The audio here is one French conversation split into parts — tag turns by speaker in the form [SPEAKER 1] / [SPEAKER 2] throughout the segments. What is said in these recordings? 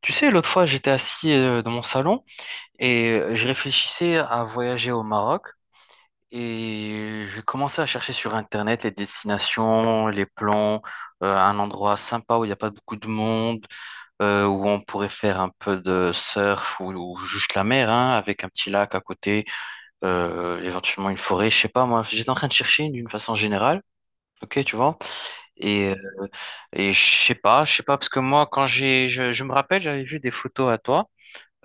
[SPEAKER 1] Tu sais, l'autre fois, j'étais assis dans mon salon et je réfléchissais à voyager au Maroc et je commençais à chercher sur Internet les destinations, les plans, un endroit sympa où il n'y a pas beaucoup de monde, où on pourrait faire un peu de surf ou juste la mer, hein, avec un petit lac à côté, éventuellement une forêt, je sais pas moi. J'étais en train de chercher d'une façon générale. Ok, tu vois. Et, euh, et je sais pas, parce que moi, quand je me rappelle, j'avais vu des photos à toi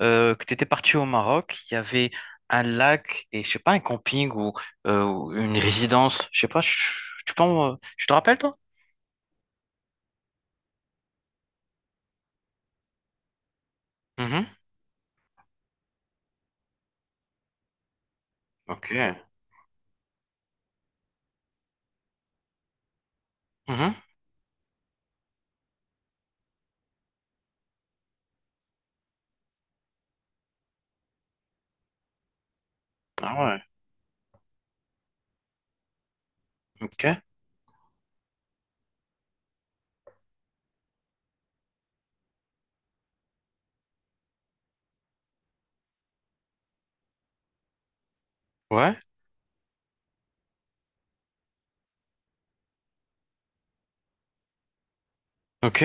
[SPEAKER 1] que tu étais parti au Maroc, il y avait un lac et je sais pas, un camping ou une résidence. Je sais pas, tu penses, tu te rappelles toi? Mhm. Ok. Mhm. Ah ouais. Ok. Ouais. Ok.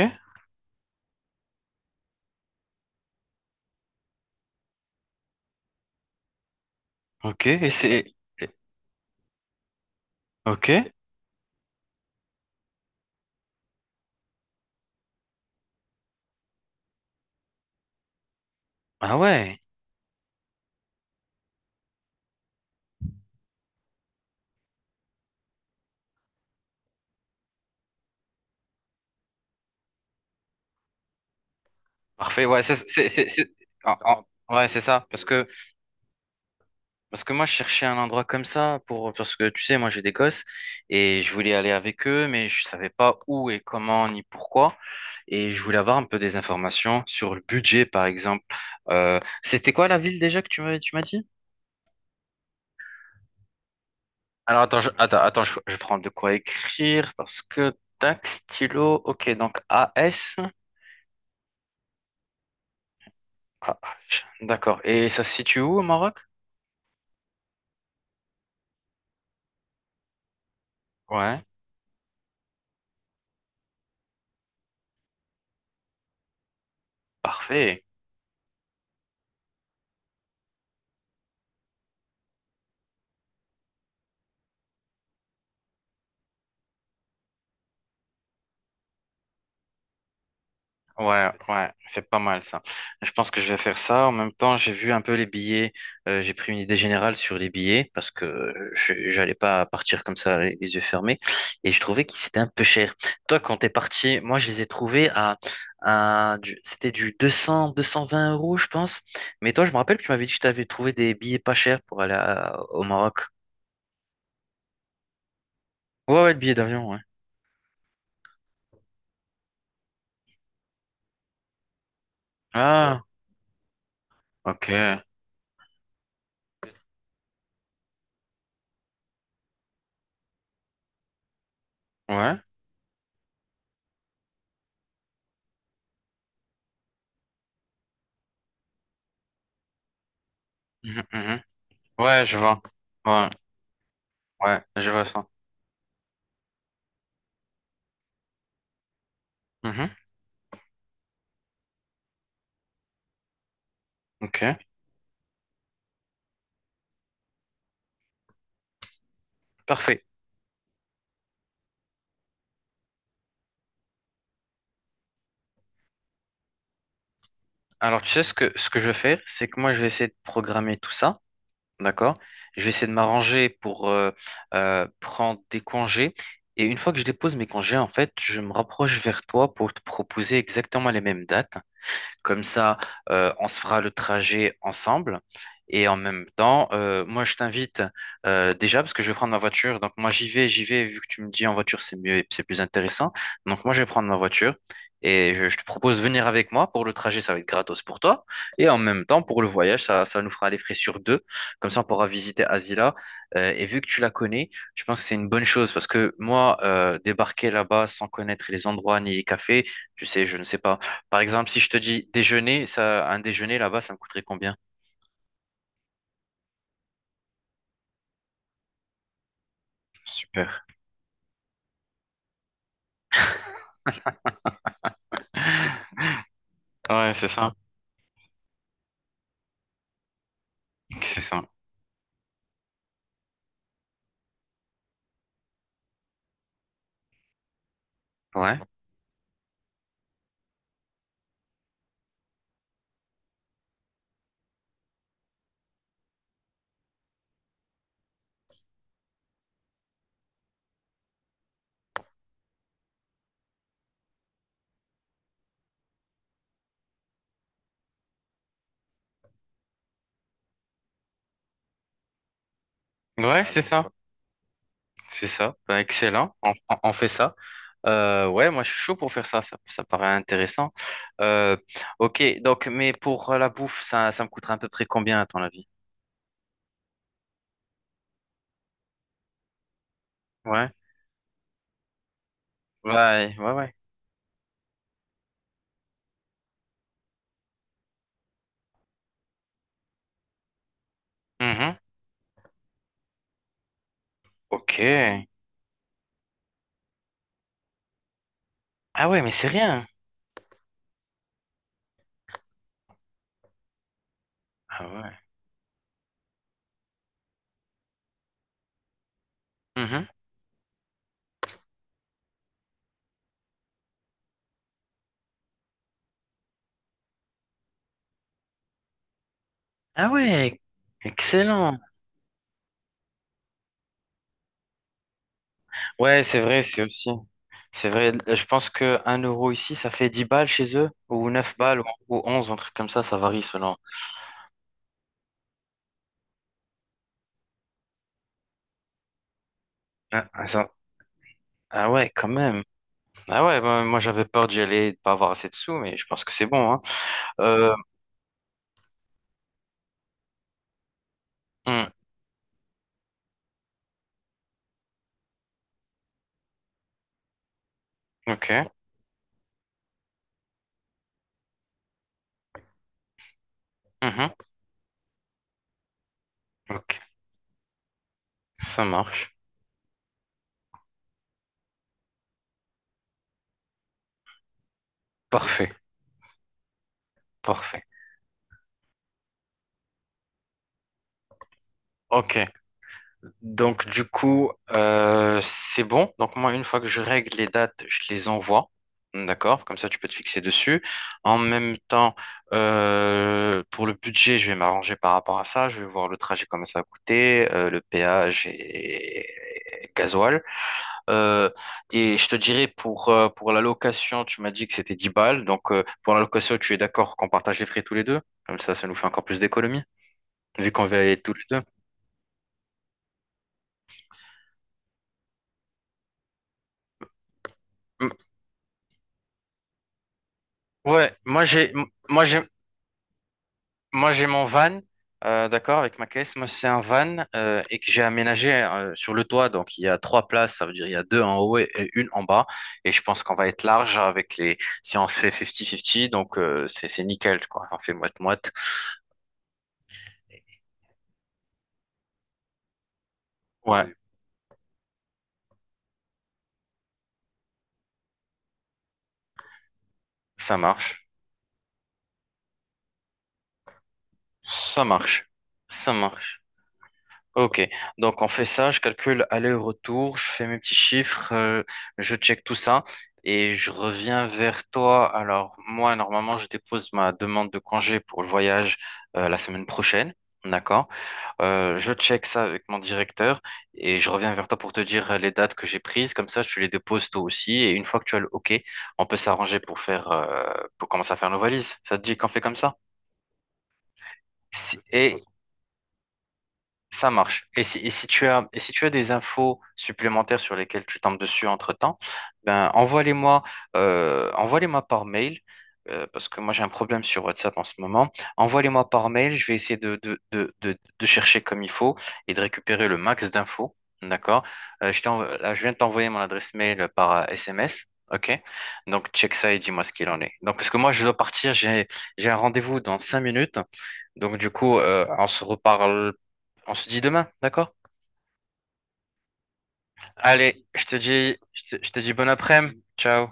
[SPEAKER 1] Ok. Et c'est. Ok. Ah ouais. Parfait. Ouais, ah, ah, ouais, c'est ça. Parce que moi, je cherchais un endroit comme ça pour, parce que tu sais, moi, j'ai des gosses et je voulais aller avec eux, mais je savais pas où et comment ni pourquoi. Et je voulais avoir un peu des informations sur le budget, par exemple. C'était quoi la ville déjà que tu m'as dit? Alors, attends, je prends de quoi écrire parce que tac, stylo, ok, donc AS. Ah, d'accord. Et ça se situe où au Maroc? Ouais, parfait. Ouais, ouais, c'est pas mal ça. Je pense que je vais faire ça. En même temps, j'ai vu un peu les billets. J'ai pris une idée générale sur les billets parce que j'allais pas partir comme ça les yeux fermés. Et je trouvais qu'ils étaient un peu chers. Toi, quand t'es parti, moi, je les ai trouvés c'était du 200, deux cent vingt euros, je pense. Mais toi, je me rappelle que tu m'avais dit que tu avais trouvé des billets pas chers pour aller au Maroc. Ouais, ouais, le billet d'avion, ouais. Ouais. Ah, ok. Ouais. Mhm, mhm. Ouais, je vois. Ouais, ouais, je vois ça. Mmh. Ok, parfait. Alors, tu sais ce que je vais faire, c'est que moi, je vais essayer de programmer tout ça, d'accord? Je vais essayer de m'arranger pour prendre des congés. Et une fois que je dépose mes congés, en fait, je me rapproche vers toi pour te proposer exactement les mêmes dates. Comme ça, on se fera le trajet ensemble. Et en même temps, moi, je t'invite déjà parce que je vais prendre ma voiture. Donc, moi, j'y vais, j'y vais. Vu que tu me dis en voiture, c'est mieux, et c'est plus intéressant. Donc, moi, je vais prendre ma voiture et je te propose de venir avec moi. Pour le trajet, ça va être gratos pour toi. Et en même temps, pour le voyage, ça nous fera les frais sur deux. Comme ça, on pourra visiter Asila. Et vu que tu la connais, je pense que c'est une bonne chose parce que moi, débarquer là-bas sans connaître les endroits ni les cafés, tu sais, je ne sais pas par exemple, si je te dis déjeuner, ça, un déjeuner là-bas, ça me coûterait combien? Super. Ouais, c'est ça. C'est ça. Ouais. Ouais, c'est ça. C'est ça. Ben, excellent. On fait ça. Ouais, moi, je suis chaud pour faire ça. Ça paraît intéressant. Euh, ok, donc, mais pour la bouffe, ça me coûterait à peu près combien, à ton avis? Ouais. Ouais, ouais, ouais. Mhm. Ok. Ah ouais, mais c'est rien. Ah ouais. Mhm. Ah ouais, excellent. Ouais, c'est vrai, c'est aussi. C'est vrai, je pense que 1 € ici, ça fait 10 balles chez eux, ou 9 balles, ou 11, un truc comme ça varie selon. Ah, ah, ça- ah ouais, quand même. Ah ouais, bah, moi j'avais peur d'y aller, de pas avoir assez de sous, mais je pense que c'est bon, hein. Euh, hmm, ok, mhm, ok, ça marche. Parfait, parfait. Ok, donc, du coup, c'est bon. Donc, moi, une fois que je règle les dates, je les envoie. D'accord? Comme ça, tu peux te fixer dessus. En même temps, pour le budget, je vais m'arranger par rapport à ça. Je vais voir le trajet, comment ça va coûter, le péage et gasoil. Euh, et je te dirais, pour la location, tu m'as dit que c'était 10 balles. Donc, pour la location, tu es d'accord qu'on partage les frais tous les deux? Comme ça nous fait encore plus d'économies, vu qu'on va aller tous les deux. M- Ouais, moi j'ai m- moi j'ai Moi, j'ai mon van, d'accord, avec ma caisse. Moi, c'est un van et que j'ai aménagé sur le toit. Donc, il y a trois places, ça veut dire il y a deux en haut et une en bas. Et je pense qu'on va être large avec les. Si on se fait 50-50, donc c'est nickel, quoi. On fait moite-moite. Ouais, ça marche. Ça marche. Ça marche. Ok, donc on fait ça, je calcule aller-retour, je fais mes petits chiffres, je check tout ça et je reviens vers toi. Alors moi, normalement, je dépose ma demande de congé pour le voyage la semaine prochaine, d'accord? Je check ça avec mon directeur et je reviens vers toi pour te dire les dates que j'ai prises, comme ça tu les déposes toi aussi et une fois que tu as le OK, on peut s'arranger pour pour commencer à faire nos valises. Ça te dit qu'on fait comme ça? Et ça marche. Et si tu as, et si tu as des infos supplémentaires sur lesquelles tu tombes dessus entre-temps, ben envoie-les-moi par mail, parce que moi j'ai un problème sur WhatsApp en ce moment. Envoie-les-moi par mail, je vais essayer de chercher comme il faut et de récupérer le max d'infos. D'accord? Là, je viens de t'envoyer mon adresse mail par SMS. OK? Donc check ça et dis-moi ce qu'il en est. Donc parce que moi je dois partir, j'ai un rendez-vous dans 5 minutes. Donc du coup, on se reparle on se dit demain, d'accord? Allez, je te dis bon après-midi. Ciao.